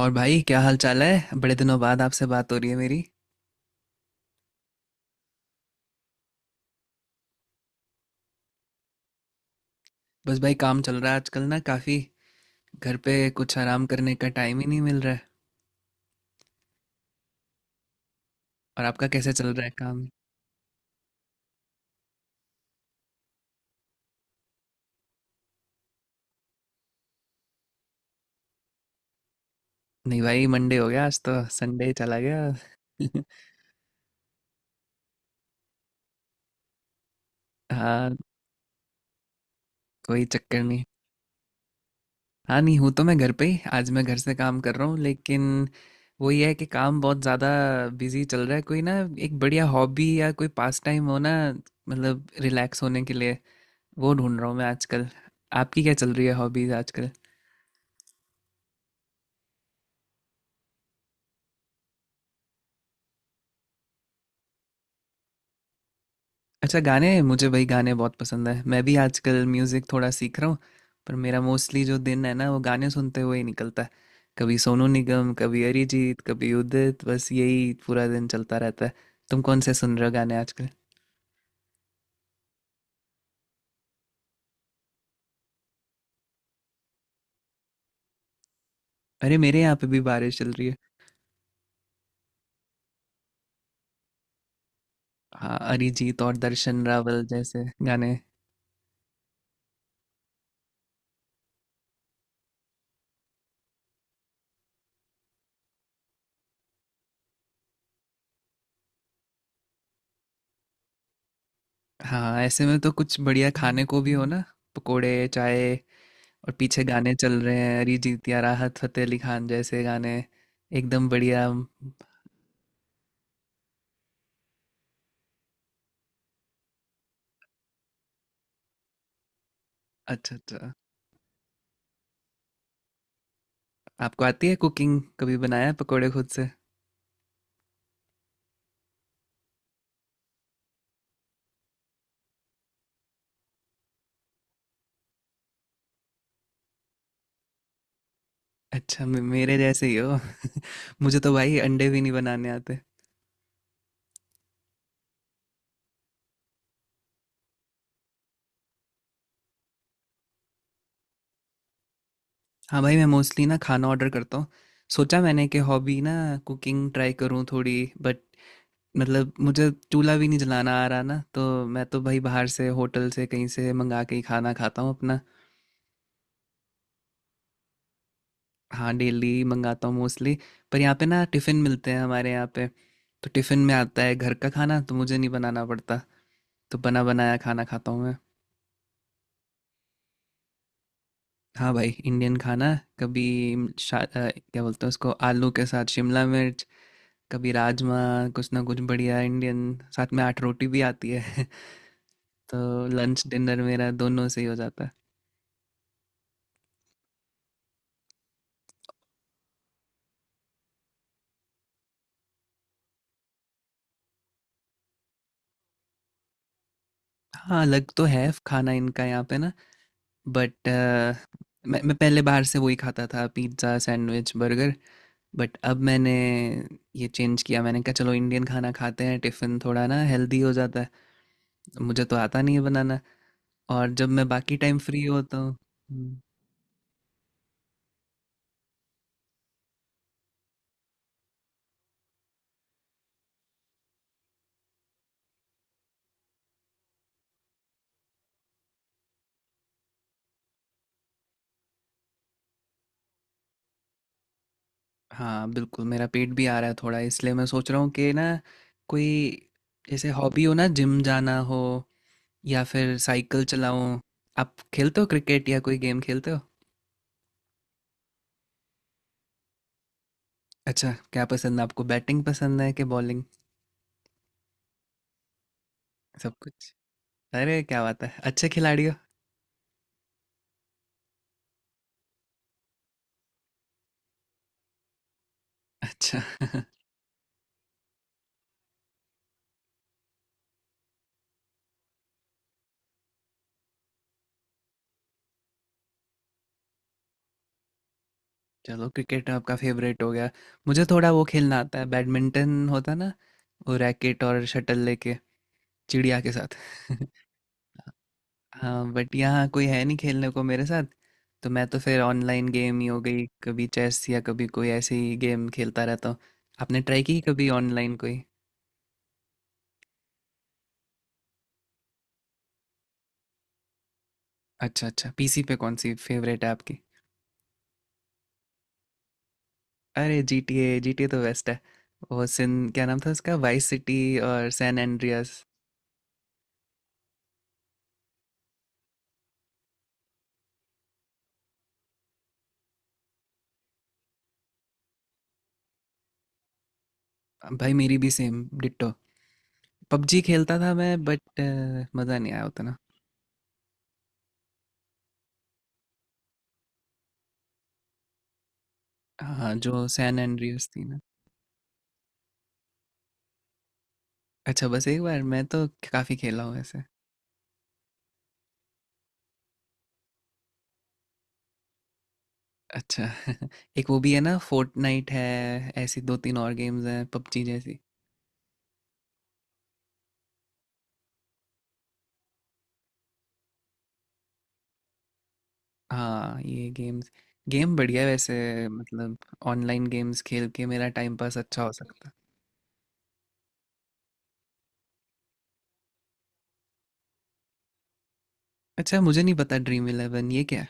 और भाई क्या हाल चाल है। बड़े दिनों बाद आपसे बात हो रही है मेरी। बस भाई काम चल रहा है आजकल ना काफ़ी। घर पे कुछ आराम करने का टाइम ही नहीं मिल रहा है। और आपका कैसे चल रहा है काम? नहीं भाई मंडे हो गया आज तो। संडे चला गया। हाँ, कोई चक्कर नहीं। हाँ नहीं हूँ तो, मैं घर पे ही, आज मैं घर से काम कर रहा हूँ, लेकिन वही है कि काम बहुत ज़्यादा बिजी चल रहा है। कोई ना एक बढ़िया हॉबी या कोई पास टाइम हो ना, मतलब रिलैक्स होने के लिए, वो ढूंढ रहा हूँ मैं आजकल। आपकी क्या चल रही है हॉबीज आजकल? अच्छा गाने, मुझे भाई गाने बहुत पसंद है। मैं भी आजकल म्यूज़िक थोड़ा सीख रहा हूँ, पर मेरा मोस्टली जो दिन है ना, वो गाने सुनते हुए ही निकलता है। कभी सोनू निगम, कभी अरिजीत, कभी उदित, बस यही पूरा दिन चलता रहता है। तुम कौन से सुन रहे हो गाने आजकल? अरे मेरे यहाँ पे भी बारिश चल रही है। हाँ अरिजीत और दर्शन रावल जैसे गाने। हाँ ऐसे में तो कुछ बढ़िया खाने को भी हो ना, पकोड़े चाय, और पीछे गाने चल रहे हैं अरिजीत या राहत फतेह अली खान जैसे गाने। एकदम बढ़िया। अच्छा अच्छा। आपको आती है कुकिंग? कभी बनाया है पकोड़े खुद से? अच्छा मेरे जैसे ही हो। मुझे तो भाई अंडे भी नहीं बनाने आते। हाँ भाई मैं मोस्टली ना खाना ऑर्डर करता हूँ। सोचा मैंने कि हॉबी ना, कुकिंग ट्राई करूँ थोड़ी, बट मतलब मुझे चूल्हा भी नहीं जलाना आ रहा ना, तो मैं तो भाई बाहर से होटल से कहीं से मंगा के ही खाना खाता हूँ अपना। हाँ डेली मंगाता हूँ मोस्टली। पर यहाँ पे ना टिफ़िन मिलते हैं हमारे यहाँ पे, तो टिफ़िन में आता है घर का खाना, तो मुझे नहीं बनाना पड़ता। तो बना बनाया खाना खाता हूँ मैं। हाँ भाई इंडियन खाना, कभी शा, अ, क्या बोलते हैं उसको, आलू के साथ शिमला मिर्च, कभी राजमा, कुछ ना कुछ बढ़िया इंडियन। साथ में आठ रोटी भी आती है। तो लंच डिनर मेरा दोनों से ही हो जाता है। हाँ अलग तो है खाना इनका यहाँ पे ना, बट मैं पहले बाहर से वही खाता था, पिज्ज़ा सैंडविच बर्गर। बट अब मैंने ये चेंज किया, मैंने कहा चलो इंडियन खाना खाते हैं, टिफ़िन थोड़ा ना हेल्दी हो जाता है। मुझे तो आता नहीं है बनाना, और जब मैं बाकी टाइम फ्री होता हूँ। हम्म। हाँ बिल्कुल, मेरा पेट भी आ रहा है थोड़ा, इसलिए मैं सोच रहा हूँ कि ना, कोई जैसे हॉबी हो ना, जिम जाना हो या फिर साइकिल चलाऊँ। आप खेलते हो क्रिकेट, या कोई गेम खेलते हो? अच्छा क्या पसंद है आपको, बैटिंग पसंद है कि बॉलिंग? सब कुछ? अरे क्या बात है, अच्छे खिलाड़ी हो। अच्छा। चलो क्रिकेट आपका फेवरेट हो गया। मुझे थोड़ा वो खेलना आता है, बैडमिंटन होता है ना, वो रैकेट और शटल लेके, चिड़िया के साथ। हाँ बट यहाँ कोई है नहीं खेलने को मेरे साथ, तो मैं तो फिर ऑनलाइन गेम ही हो गई, कभी चेस या कभी कोई ऐसी गेम खेलता रहता हूँ। आपने ट्राई की कभी ऑनलाइन कोई? अच्छा अच्छा, पीसी पे कौन सी फेवरेट है आपकी? अरे G T A, G T A तो बेस्ट है। वो सिन क्या नाम था उसका, वाइस सिटी और सैन एंड्रियास। भाई मेरी भी सेम डिट्टो। पबजी खेलता था मैं, बट मज़ा नहीं आया उतना। हाँ जो सैन एंड्रियास थी ना। अच्छा बस एक बार, मैं तो काफ़ी खेला हूँ वैसे। अच्छा। एक वो भी है ना, फोर्टनाइट है। ऐसी दो तीन और गेम्स हैं पबजी जैसी। हाँ ये गेम्स, गेम बढ़िया है वैसे, मतलब ऑनलाइन गेम्स खेल के मेरा टाइम पास अच्छा हो सकता है। अच्छा मुझे नहीं पता, ड्रीम इलेवन ये क्या है?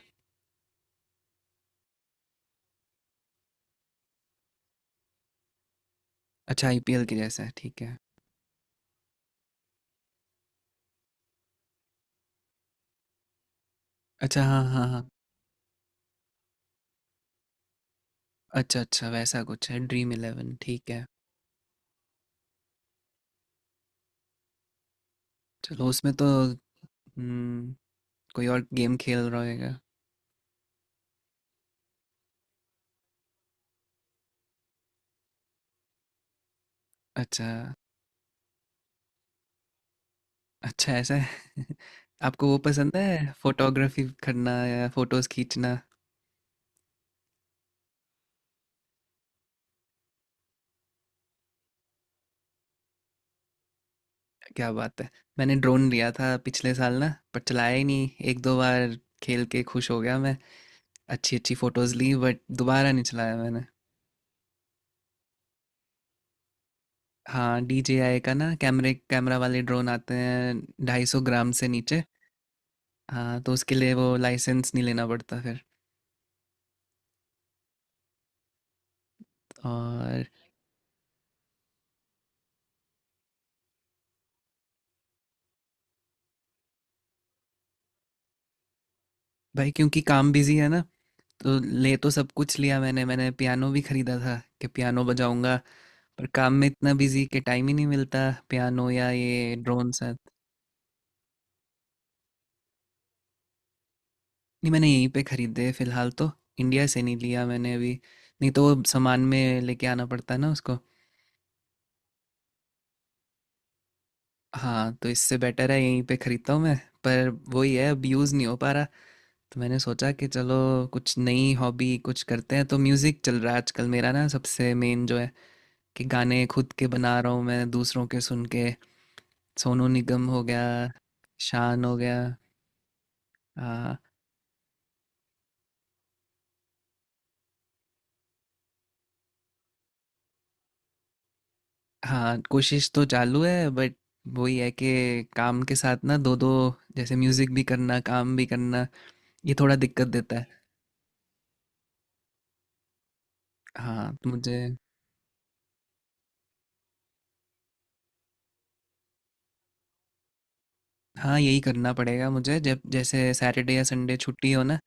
अच्छा आईपीएल के जैसा है, ठीक है। अच्छा हाँ हाँ हाँ। अच्छा अच्छा वैसा कुछ है, ड्रीम इलेवन, ठीक है। चलो उसमें तो। हम्म, कोई और गेम खेल रहा होगा। अच्छा अच्छा ऐसा है। आपको वो पसंद है फोटोग्राफी करना या फोटोज खींचना? क्या बात है। मैंने ड्रोन लिया था पिछले साल ना, पर चलाया ही नहीं, एक दो बार खेल के खुश हो गया मैं। अच्छी अच्छी फोटोज ली, बट दोबारा नहीं चलाया मैंने। हाँ DJI का ना, कैमरे कैमरा वाले ड्रोन आते हैं 250 ग्राम से नीचे। हाँ तो उसके लिए वो लाइसेंस नहीं लेना पड़ता फिर। और भाई क्योंकि काम बिजी है ना, तो ले तो सब कुछ लिया मैंने मैंने पियानो भी खरीदा था कि पियानो बजाऊंगा, पर काम में इतना बिजी कि टाइम ही नहीं मिलता पियानो या ये ड्रोन से। नहीं मैंने यहीं पे खरीदे फिलहाल तो, इंडिया से नहीं लिया मैंने अभी, नहीं तो वो सामान में लेके आना पड़ता है ना उसको। हाँ तो इससे बेटर है यहीं पे खरीदता हूँ मैं, पर वही है अब यूज़ नहीं हो पा रहा। तो मैंने सोचा कि चलो कुछ नई हॉबी कुछ करते हैं, तो म्यूज़िक चल रहा है आजकल मेरा ना, सबसे मेन जो है कि गाने खुद के बना रहा हूँ मैं दूसरों के सुन के। सोनू निगम हो गया, शान हो गया। हाँ कोशिश तो चालू है, बट वही है कि काम के साथ ना, दो दो, जैसे म्यूजिक भी करना काम भी करना, ये थोड़ा दिक्कत देता है। हाँ तो मुझे, हाँ यही करना पड़ेगा मुझे, जब जैसे सैटरडे या संडे छुट्टी हो ना,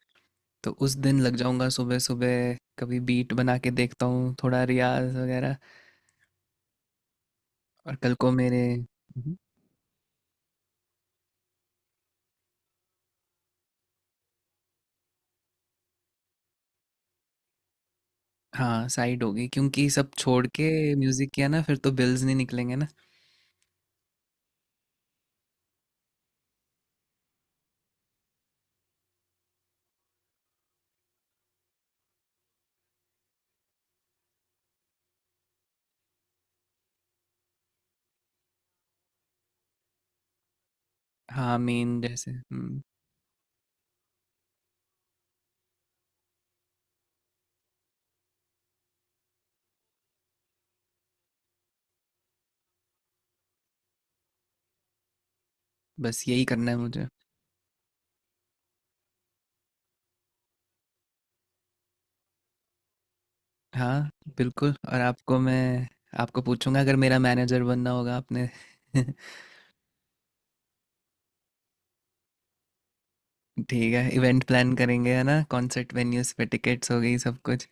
तो उस दिन लग जाऊंगा सुबह सुबह, कभी बीट बना के देखता हूँ थोड़ा रियाज वगैरह। और कल को मेरे। हम्म। हाँ साइड होगी, क्योंकि सब छोड़ के म्यूजिक किया ना, फिर तो बिल्स नहीं निकलेंगे ना। हाँ मेन जैसे। हम्म। बस यही करना है मुझे। हाँ बिल्कुल, और आपको मैं, आपको पूछूंगा अगर मेरा मैनेजर बनना होगा आपने। ठीक है इवेंट प्लान करेंगे है ना, कॉन्सर्ट वेन्यूज पे टिकट्स हो गई सब कुछ।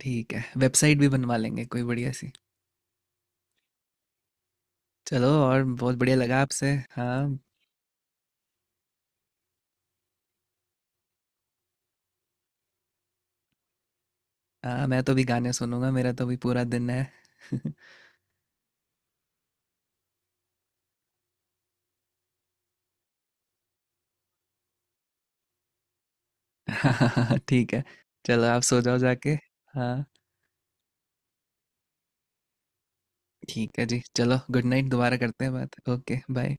ठीक है वेबसाइट भी बनवा लेंगे कोई बढ़िया सी। चलो और बहुत बढ़िया लगा आपसे। हाँ। हाँ मैं तो भी गाने सुनूंगा, मेरा तो भी पूरा दिन है। हाँ ठीक है, चलो आप सो जाओ जाके। हाँ ठीक है जी, चलो गुड नाइट, दोबारा करते हैं बात, ओके बाय।